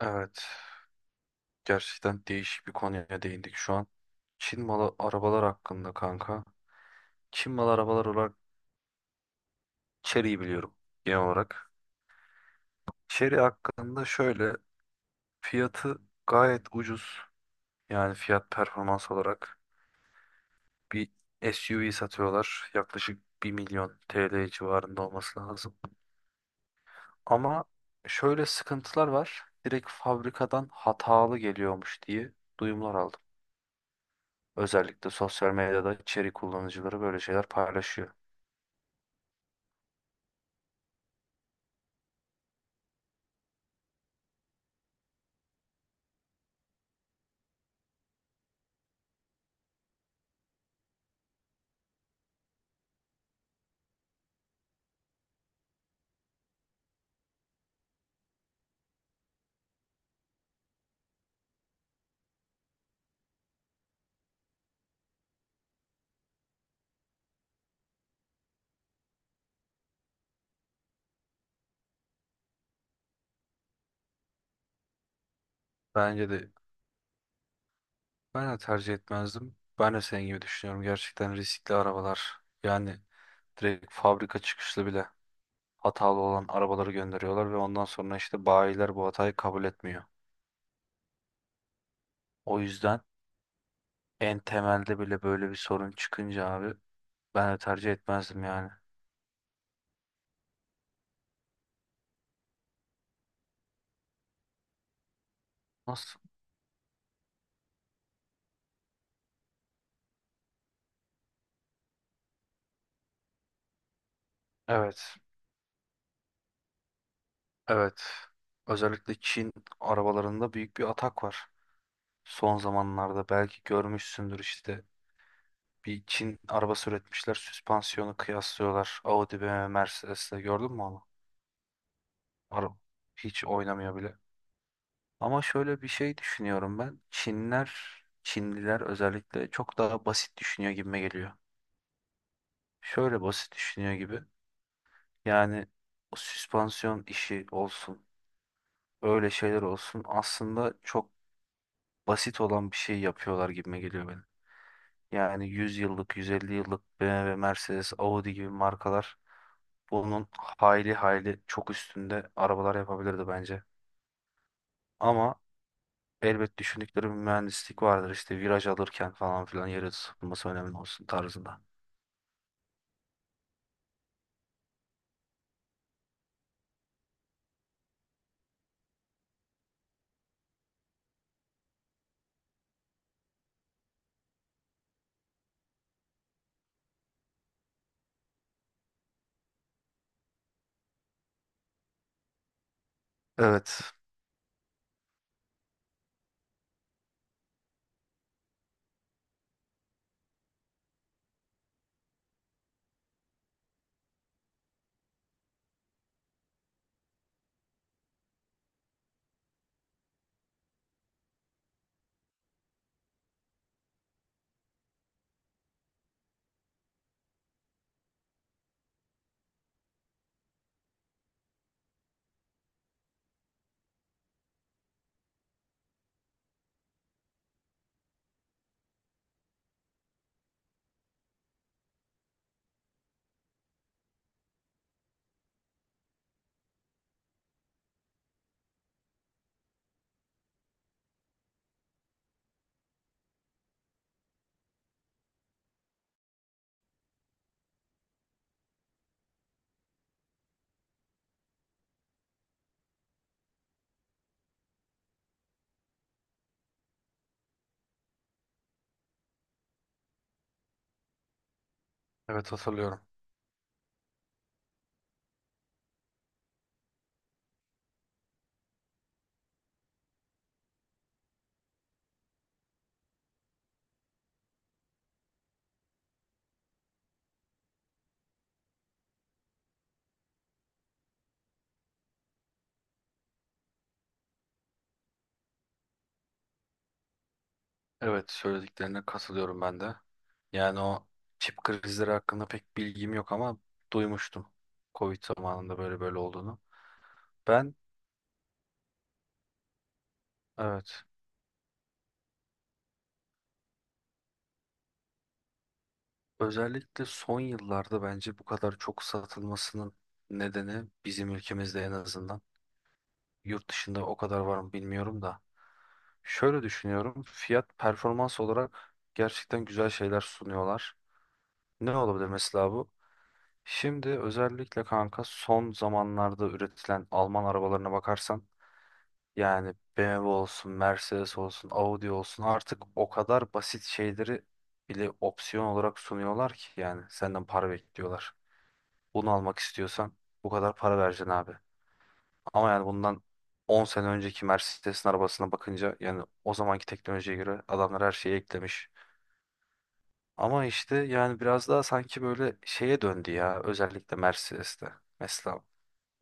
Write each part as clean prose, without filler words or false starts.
Evet, gerçekten değişik bir konuya değindik şu an. Çin malı arabalar hakkında kanka. Çin malı arabalar olarak Chery'yi biliyorum genel olarak. Chery hakkında şöyle fiyatı gayet ucuz. Yani fiyat performans olarak bir SUV satıyorlar. Yaklaşık 1.000.000 TL civarında olması lazım. Ama şöyle sıkıntılar var. Direkt fabrikadan hatalı geliyormuş diye duyumlar aldım. Özellikle sosyal medyada Chery kullanıcıları böyle şeyler paylaşıyor. Bence de ben de tercih etmezdim. Ben de senin gibi düşünüyorum. Gerçekten riskli arabalar. Yani direkt fabrika çıkışlı bile hatalı olan arabaları gönderiyorlar ve ondan sonra işte bayiler bu hatayı kabul etmiyor. O yüzden en temelde bile böyle bir sorun çıkınca abi ben de tercih etmezdim yani. Nasıl? Evet. Evet. Özellikle Çin arabalarında büyük bir atak var. Son zamanlarda belki görmüşsündür işte bir Çin arabası üretmişler. Süspansiyonu kıyaslıyorlar. Audi, BMW, Mercedes'le gördün mü onu? Araba hiç oynamıyor bile. Ama şöyle bir şey düşünüyorum ben. Çinliler özellikle çok daha basit düşünüyor gibime geliyor. Şöyle basit düşünüyor gibi. Yani o süspansiyon işi olsun, öyle şeyler olsun aslında çok basit olan bir şey yapıyorlar gibime geliyor benim. Yani 100 yıllık, 150 yıllık BMW, Mercedes, Audi gibi markalar bunun hayli hayli çok üstünde arabalar yapabilirdi bence. Ama elbet düşündükleri bir mühendislik vardır işte viraj alırken falan filan yere tutulması önemli olsun tarzında. Evet, evet, hatırlıyorum. Evet, söylediklerine katılıyorum ben de. Yani o çip krizleri hakkında pek bilgim yok ama duymuştum. Covid zamanında böyle böyle olduğunu. Ben evet. Özellikle son yıllarda bence bu kadar çok satılmasının nedeni bizim ülkemizde en azından. Yurt dışında o kadar var mı bilmiyorum da. Şöyle düşünüyorum. Fiyat performans olarak gerçekten güzel şeyler sunuyorlar. Ne olabilir mesela bu? Şimdi özellikle kanka son zamanlarda üretilen Alman arabalarına bakarsan yani BMW olsun, Mercedes olsun, Audi olsun artık o kadar basit şeyleri bile opsiyon olarak sunuyorlar ki yani senden para bekliyorlar. Bunu almak istiyorsan bu kadar para vereceksin abi. Ama yani bundan 10 sene önceki Mercedes'in arabasına bakınca yani o zamanki teknolojiye göre adamlar her şeyi eklemiş. Ama işte yani biraz daha sanki böyle şeye döndü ya özellikle Mercedes'te. Mesela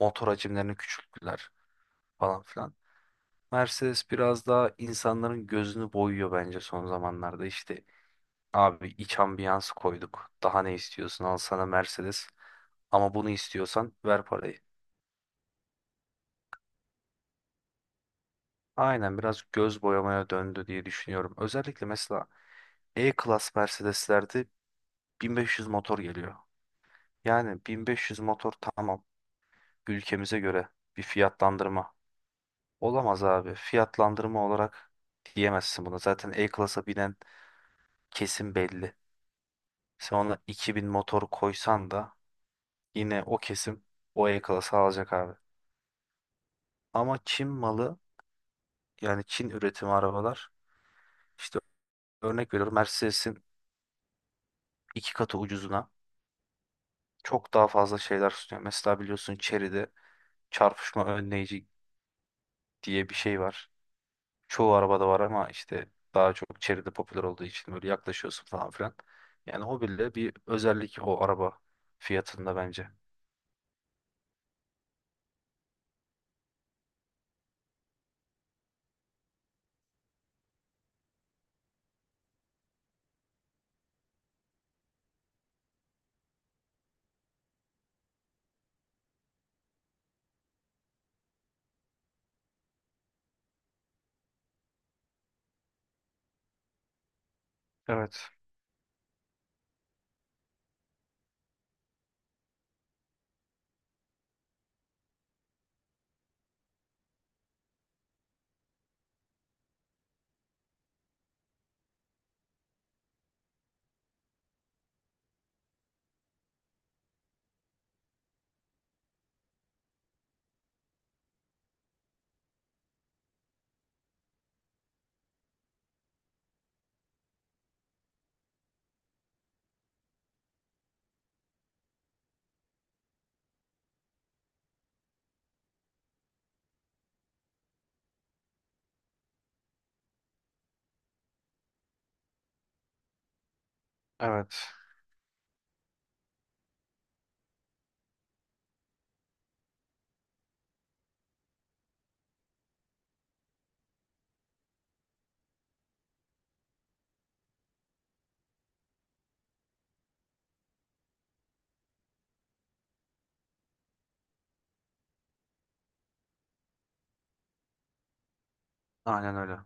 motor hacimlerini küçülttüler falan filan. Mercedes biraz daha insanların gözünü boyuyor bence son zamanlarda. İşte abi iç ambiyans koyduk. Daha ne istiyorsun? Al sana Mercedes. Ama bunu istiyorsan ver parayı. Aynen, biraz göz boyamaya döndü diye düşünüyorum. Özellikle mesela E-Class Mercedes'lerde 1500 motor geliyor. Yani 1500 motor tamam, ülkemize göre bir fiyatlandırma. Olamaz abi. Fiyatlandırma olarak diyemezsin buna. Zaten E-Class'a binen kesim belli. Sen ona 2000 motor koysan da yine o kesim o E-Class'ı alacak abi. Ama Çin malı, yani Çin üretimi arabalar işte örnek veriyorum Mercedes'in iki katı ucuzuna çok daha fazla şeyler sunuyor. Mesela biliyorsun Chery'de çarpışma önleyici diye bir şey var. Çoğu arabada var ama işte daha çok Chery'de popüler olduğu için böyle yaklaşıyorsun falan filan. Yani o bile bir özellik o araba fiyatında bence. Evet, evet. Aynen öyle.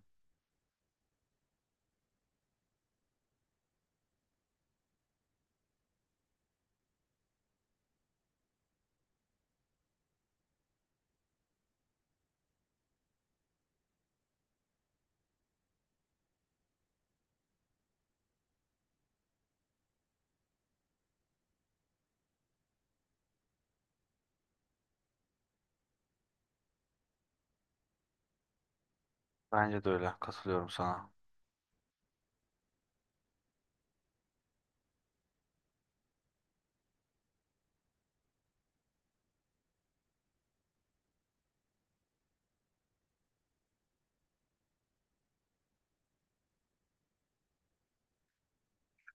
Bence de öyle. Katılıyorum sana.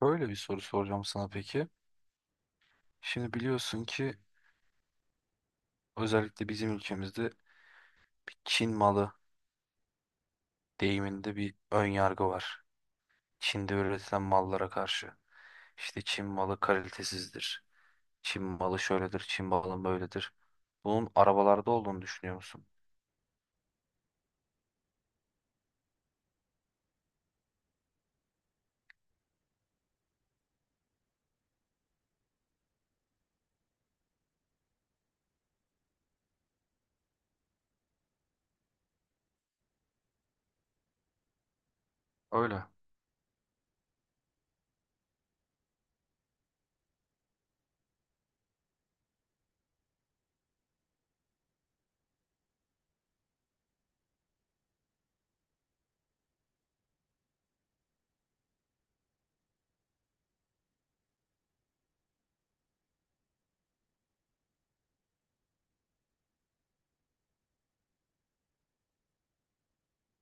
Böyle bir soru soracağım sana peki. Şimdi biliyorsun ki özellikle bizim ülkemizde bir Çin malı deyiminde bir ön yargı var. Çin'de üretilen mallara karşı. İşte Çin malı kalitesizdir. Çin malı şöyledir, Çin malı böyledir. Bunun arabalarda olduğunu düşünüyor musun? Öyle.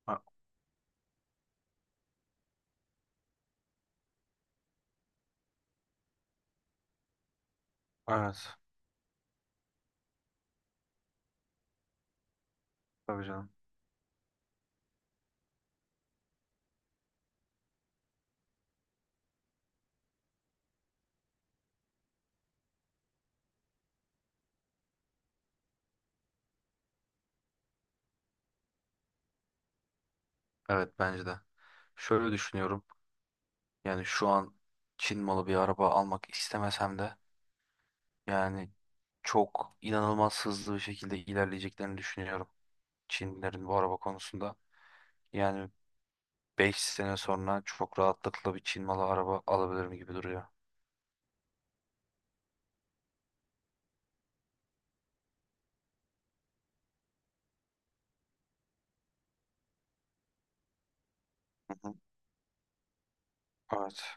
A- Evet. Tabii canım. Evet, bence de. Şöyle düşünüyorum. Yani şu an Çin malı bir araba almak istemesem de yani çok inanılmaz hızlı bir şekilde ilerleyeceklerini düşünüyorum. Çinlilerin bu araba konusunda. Yani 5 sene sonra çok rahatlıkla bir Çin malı araba alabilirim gibi duruyor. Hı hı. Evet.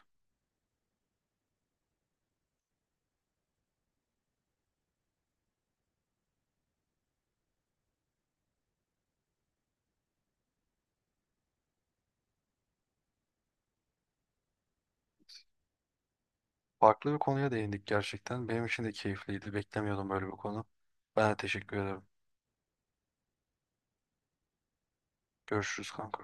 Farklı bir konuya değindik gerçekten. Benim için de keyifliydi. Beklemiyordum böyle bir konu. Ben de teşekkür ederim. Görüşürüz kanka.